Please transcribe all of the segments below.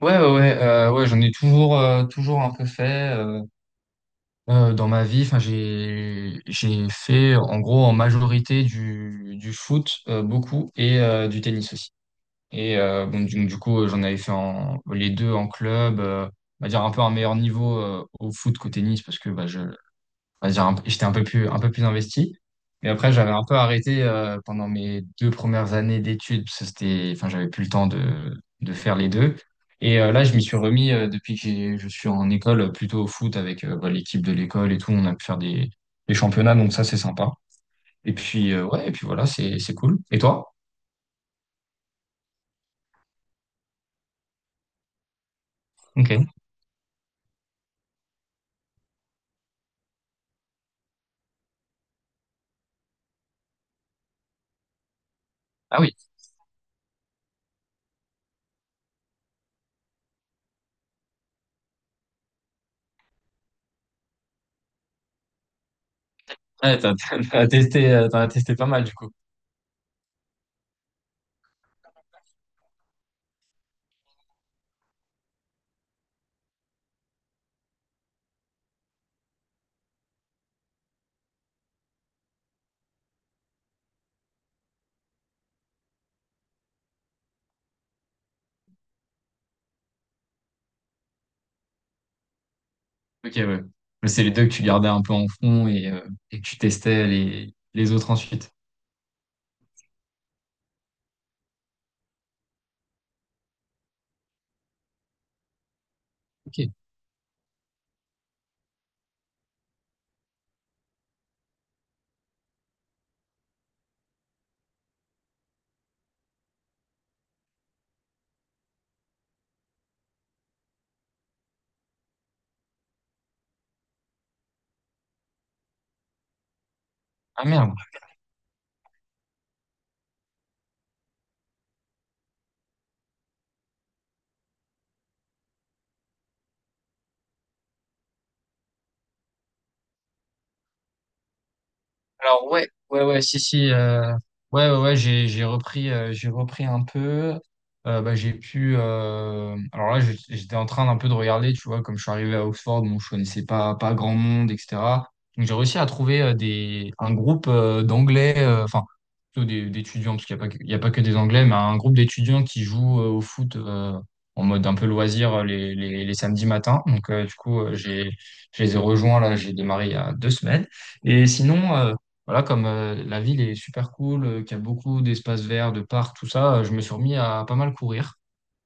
Ouais, ouais, ouais, ouais, j'en ai toujours, toujours un peu fait dans ma vie. Enfin, j'ai fait en gros en majorité du foot beaucoup et du tennis aussi. Et bon, du coup, j'en avais fait les deux en club. On va dire un peu un meilleur niveau au foot qu'au tennis parce que bah, je, on va dire, j'étais un peu plus investi. Et après, j'avais un peu arrêté pendant mes deux premières années d'études, parce que c'était, enfin, j'avais plus le temps de faire les deux. Et là, je m'y suis remis depuis que je suis en école, plutôt au foot avec bah, l'équipe de l'école et tout. On a pu faire des championnats, donc ça, c'est sympa. Et puis, ouais, et puis voilà, c'est cool. Et toi? Ok. Ah oui. Ouais, t'as t'as testé, t'en as testé pas mal, du coup. Ok, ouais. Mais c'est les deux que tu gardais un peu en fond et, que tu testais les autres ensuite. Ok. Ah merde. Alors ouais, ouais, ouais, si, si, ouais, ouais, ouais, j'ai repris un peu. Bah, j'ai pu. Alors là, j'étais en train d'un peu de regarder, tu vois, comme je suis arrivé à Oxford, bon, je connaissais pas, pas grand monde, etc. Donc j'ai réussi à trouver un groupe d'anglais, enfin, plutôt d'étudiants, parce qu'il y a pas que des anglais, mais un groupe d'étudiants qui jouent au foot en mode un peu loisir les samedis matins. Donc du coup, je les ai rejoints là, j'ai démarré il y a deux semaines. Et sinon, voilà, comme la ville est super cool, qu'il y a beaucoup d'espaces verts, de parcs, tout ça, je me suis remis à pas mal courir.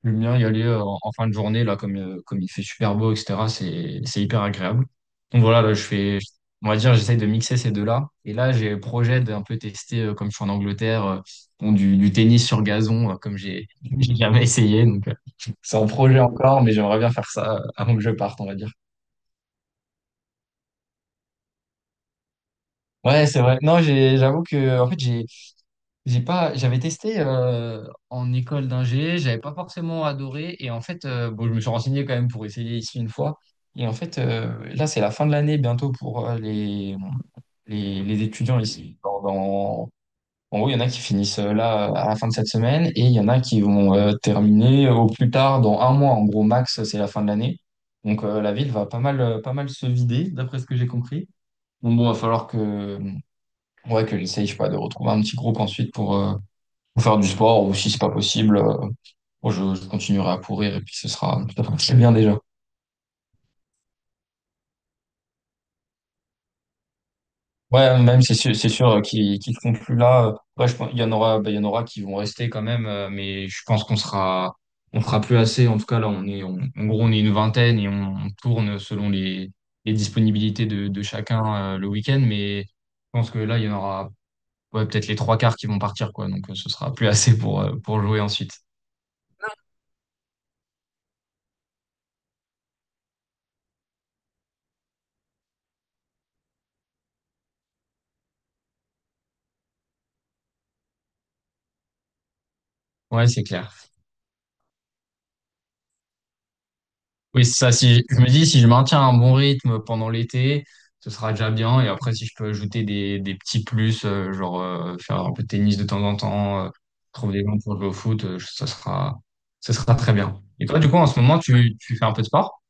J'aime bien y aller en fin de journée, là, comme il fait super beau, etc. C'est hyper agréable. Donc voilà, là, je fais, on va dire, j'essaye de mixer ces deux-là. Et là, j'ai le projet d'un peu tester, comme je suis en Angleterre, bon, du tennis sur gazon, comme j'ai j'ai jamais essayé. Donc, c'est en projet encore, mais j'aimerais bien faire ça avant que je parte, on va dire. Ouais, c'est vrai. Non, j'avoue que, en fait, j'ai pas, j'avais testé en école d'ingé, j'avais pas forcément adoré. Et en fait, bon, je me suis renseigné quand même pour essayer ici une fois. Et en fait, là, c'est la fin de l'année bientôt pour les étudiants ici. En gros, il y en a qui finissent là à la fin de cette semaine et il y en a qui vont terminer au plus tard dans un mois. En gros, max, c'est la fin de l'année. Donc, la ville va pas mal se vider, d'après ce que j'ai compris. Donc, bon, il va falloir que, ouais, que j'essaye, je sais pas, de retrouver un petit groupe ensuite pour. Ou faire du sport, ou si c'est pas possible, bon, je continuerai à courir et puis ce sera ça fera très bien déjà. Ouais, même c'est sûr qu'ils seront plus là. Ouais, je pense, il y en aura, bah, il y en aura qui vont rester quand même, mais je pense qu'on sera plus assez. En tout cas, là, en gros, on est une vingtaine et on tourne selon les disponibilités de chacun le week-end. Mais je pense que là, il y en aura, ouais, peut-être les trois quarts qui vont partir, quoi. Donc, ce sera plus assez pour jouer ensuite. Ouais, c'est clair. Oui, c'est ça. Si me dis, si je maintiens un bon rythme pendant l'été, ce sera déjà bien. Et après, si je peux ajouter des petits plus, genre faire un peu de tennis de temps en temps, trouver des gens pour jouer au foot, ça sera très bien. Et toi, du coup, en ce moment, tu fais un peu de sport?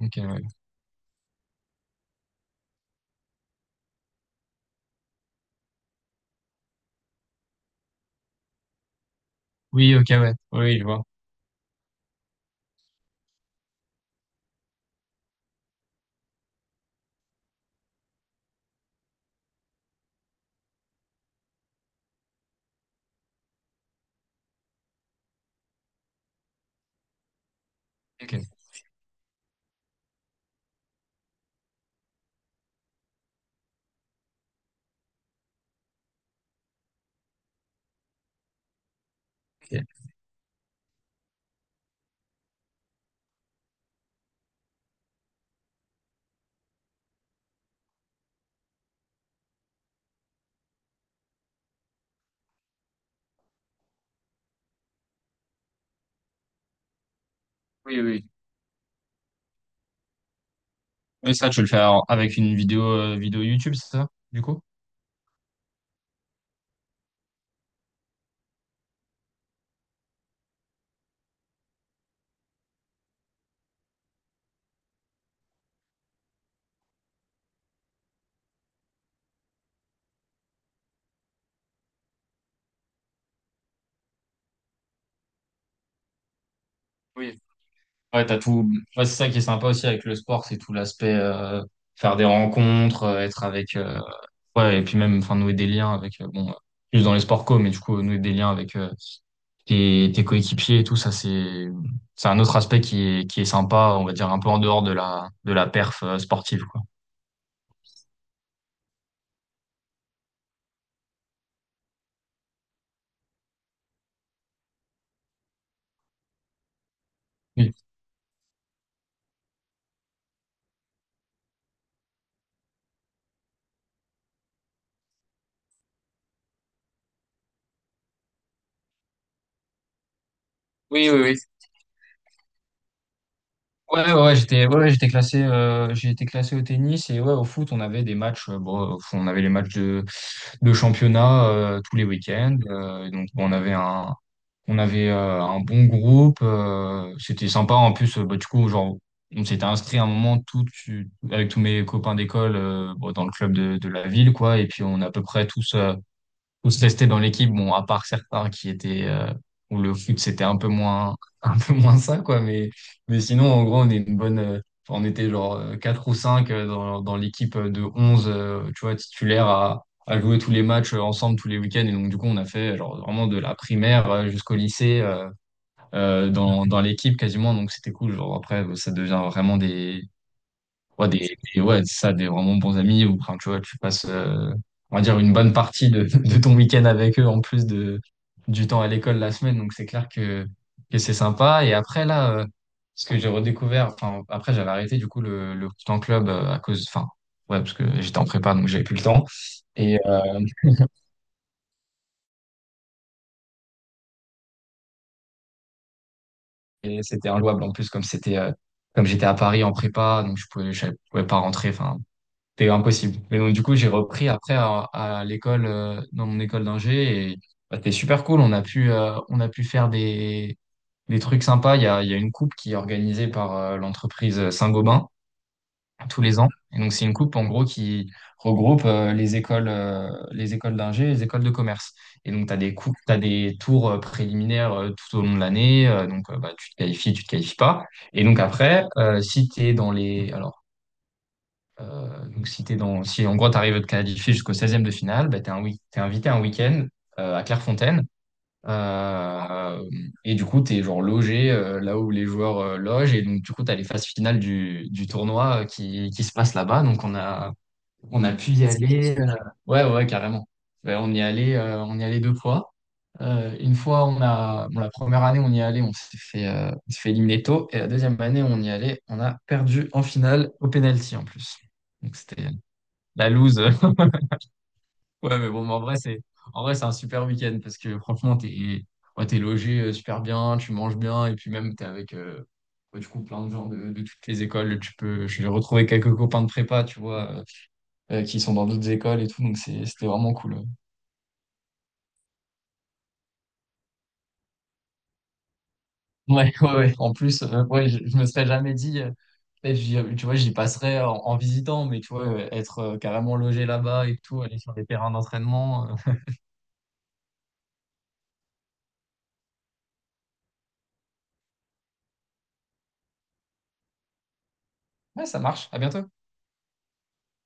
Ok, ouais. Oui, ok, ouais. Oui, je vois. Ok, ok. Oui, oui. Oui, ça, tu veux le faire avec une vidéo YouTube, c'est ça, du coup? Oui, ouais, t'as tout. Ouais, c'est ça qui est sympa aussi avec le sport, c'est tout l'aspect faire des rencontres, être avec ouais, et puis même, enfin, nouer des liens avec, bon, plus dans les sports co, mais du coup, nouer des liens avec tes coéquipiers et tout, ça, c'est un autre aspect qui est sympa, on va dire, un peu en dehors de la perf sportive, quoi. Oui. Oui, oui, oui. Ouais, ouais, ouais, j'étais classé, j'ai été classé au tennis et ouais, au foot, on avait des matchs, bon, au foot, on avait les matchs de championnat tous les week-ends. Et donc, bon, on avait un bon groupe. C'était sympa. En plus, bah, du coup, genre, on s'était inscrit à un moment tout, avec tous mes copains d'école bon, dans le club de la ville, quoi. Et puis, on est à peu près tous restés dans l'équipe, bon, à part certains qui étaient où le foot c'était un peu moins un peu moins ça quoi, mais sinon en gros on est une bonne enfin, on était genre quatre ou cinq dans l'équipe de 11 tu vois titulaire à jouer tous les matchs ensemble tous les week-ends, et donc du coup on a fait genre vraiment de la primaire jusqu'au lycée, dans l'équipe quasiment, donc c'était cool, genre après ça devient vraiment des Ouais, ouais, c'est ça, des vraiment bons amis, ou enfin, tu vois, tu passes, on va dire, une bonne partie de ton week-end avec eux, en plus du temps à l'école la semaine, donc c'est clair que c'est sympa. Et après, là, ce que j'ai redécouvert, enfin, après, j'avais arrêté, du coup, le temps club à cause, enfin, ouais, parce que j'étais en prépa, donc j'avais plus le temps. Et, euh, et c'était inlouable, en plus, comme j'étais à Paris en prépa, donc je pouvais pas rentrer, enfin, c'était impossible. Mais donc, du coup, j'ai repris après à l'école, dans mon école d'ingé, et bah, c'était super cool. On a pu faire des trucs sympas. Il y a une coupe qui est organisée par l'entreprise Saint-Gobain tous les ans. Et donc, c'est une coupe, en gros, qui regroupe les écoles d'ingé et les écoles de commerce. Et donc, tu as des coupes, t'as des tours préliminaires tout au long de l'année. Donc, bah, tu te qualifies pas. Et donc, après, si tu es dans les... alors, donc, si t'es dans, si en gros, tu arrives à te qualifier jusqu'au seizième de finale, bah, t'es invité un week-end à Clairefontaine. Euh, et du coup, t'es genre logé là où les joueurs logent. Et donc, du coup, t'as les phases finales du tournoi qui se passent là-bas. Donc, on a pu y aller. Ouais, ouais, carrément. Ouais, on y allait deux fois. Une fois, on a, bon, la première année, on y allait, on s'est fait éliminer tôt. Et la deuxième année, on y allait, on a perdu en finale au penalty en plus. Donc, c'était la loose. Ouais, mais bon, mais en vrai, c'est un super week-end parce que franchement, t'es ouais, t'es logé super bien, tu manges bien, et puis même, t'es avec ouais, du coup plein de gens de toutes les écoles. Tu peux, j'ai retrouvé quelques copains de prépa, tu vois, qui sont dans d'autres écoles et tout, donc c'est, c'était vraiment cool. Ouais, ouais, ouais. En plus, ouais, je me serais jamais dit, tu vois, j'y passerais en visitant, mais tu vois, être carrément logé là-bas et tout, aller sur des terrains d'entraînement. Ouais, ça marche. À bientôt.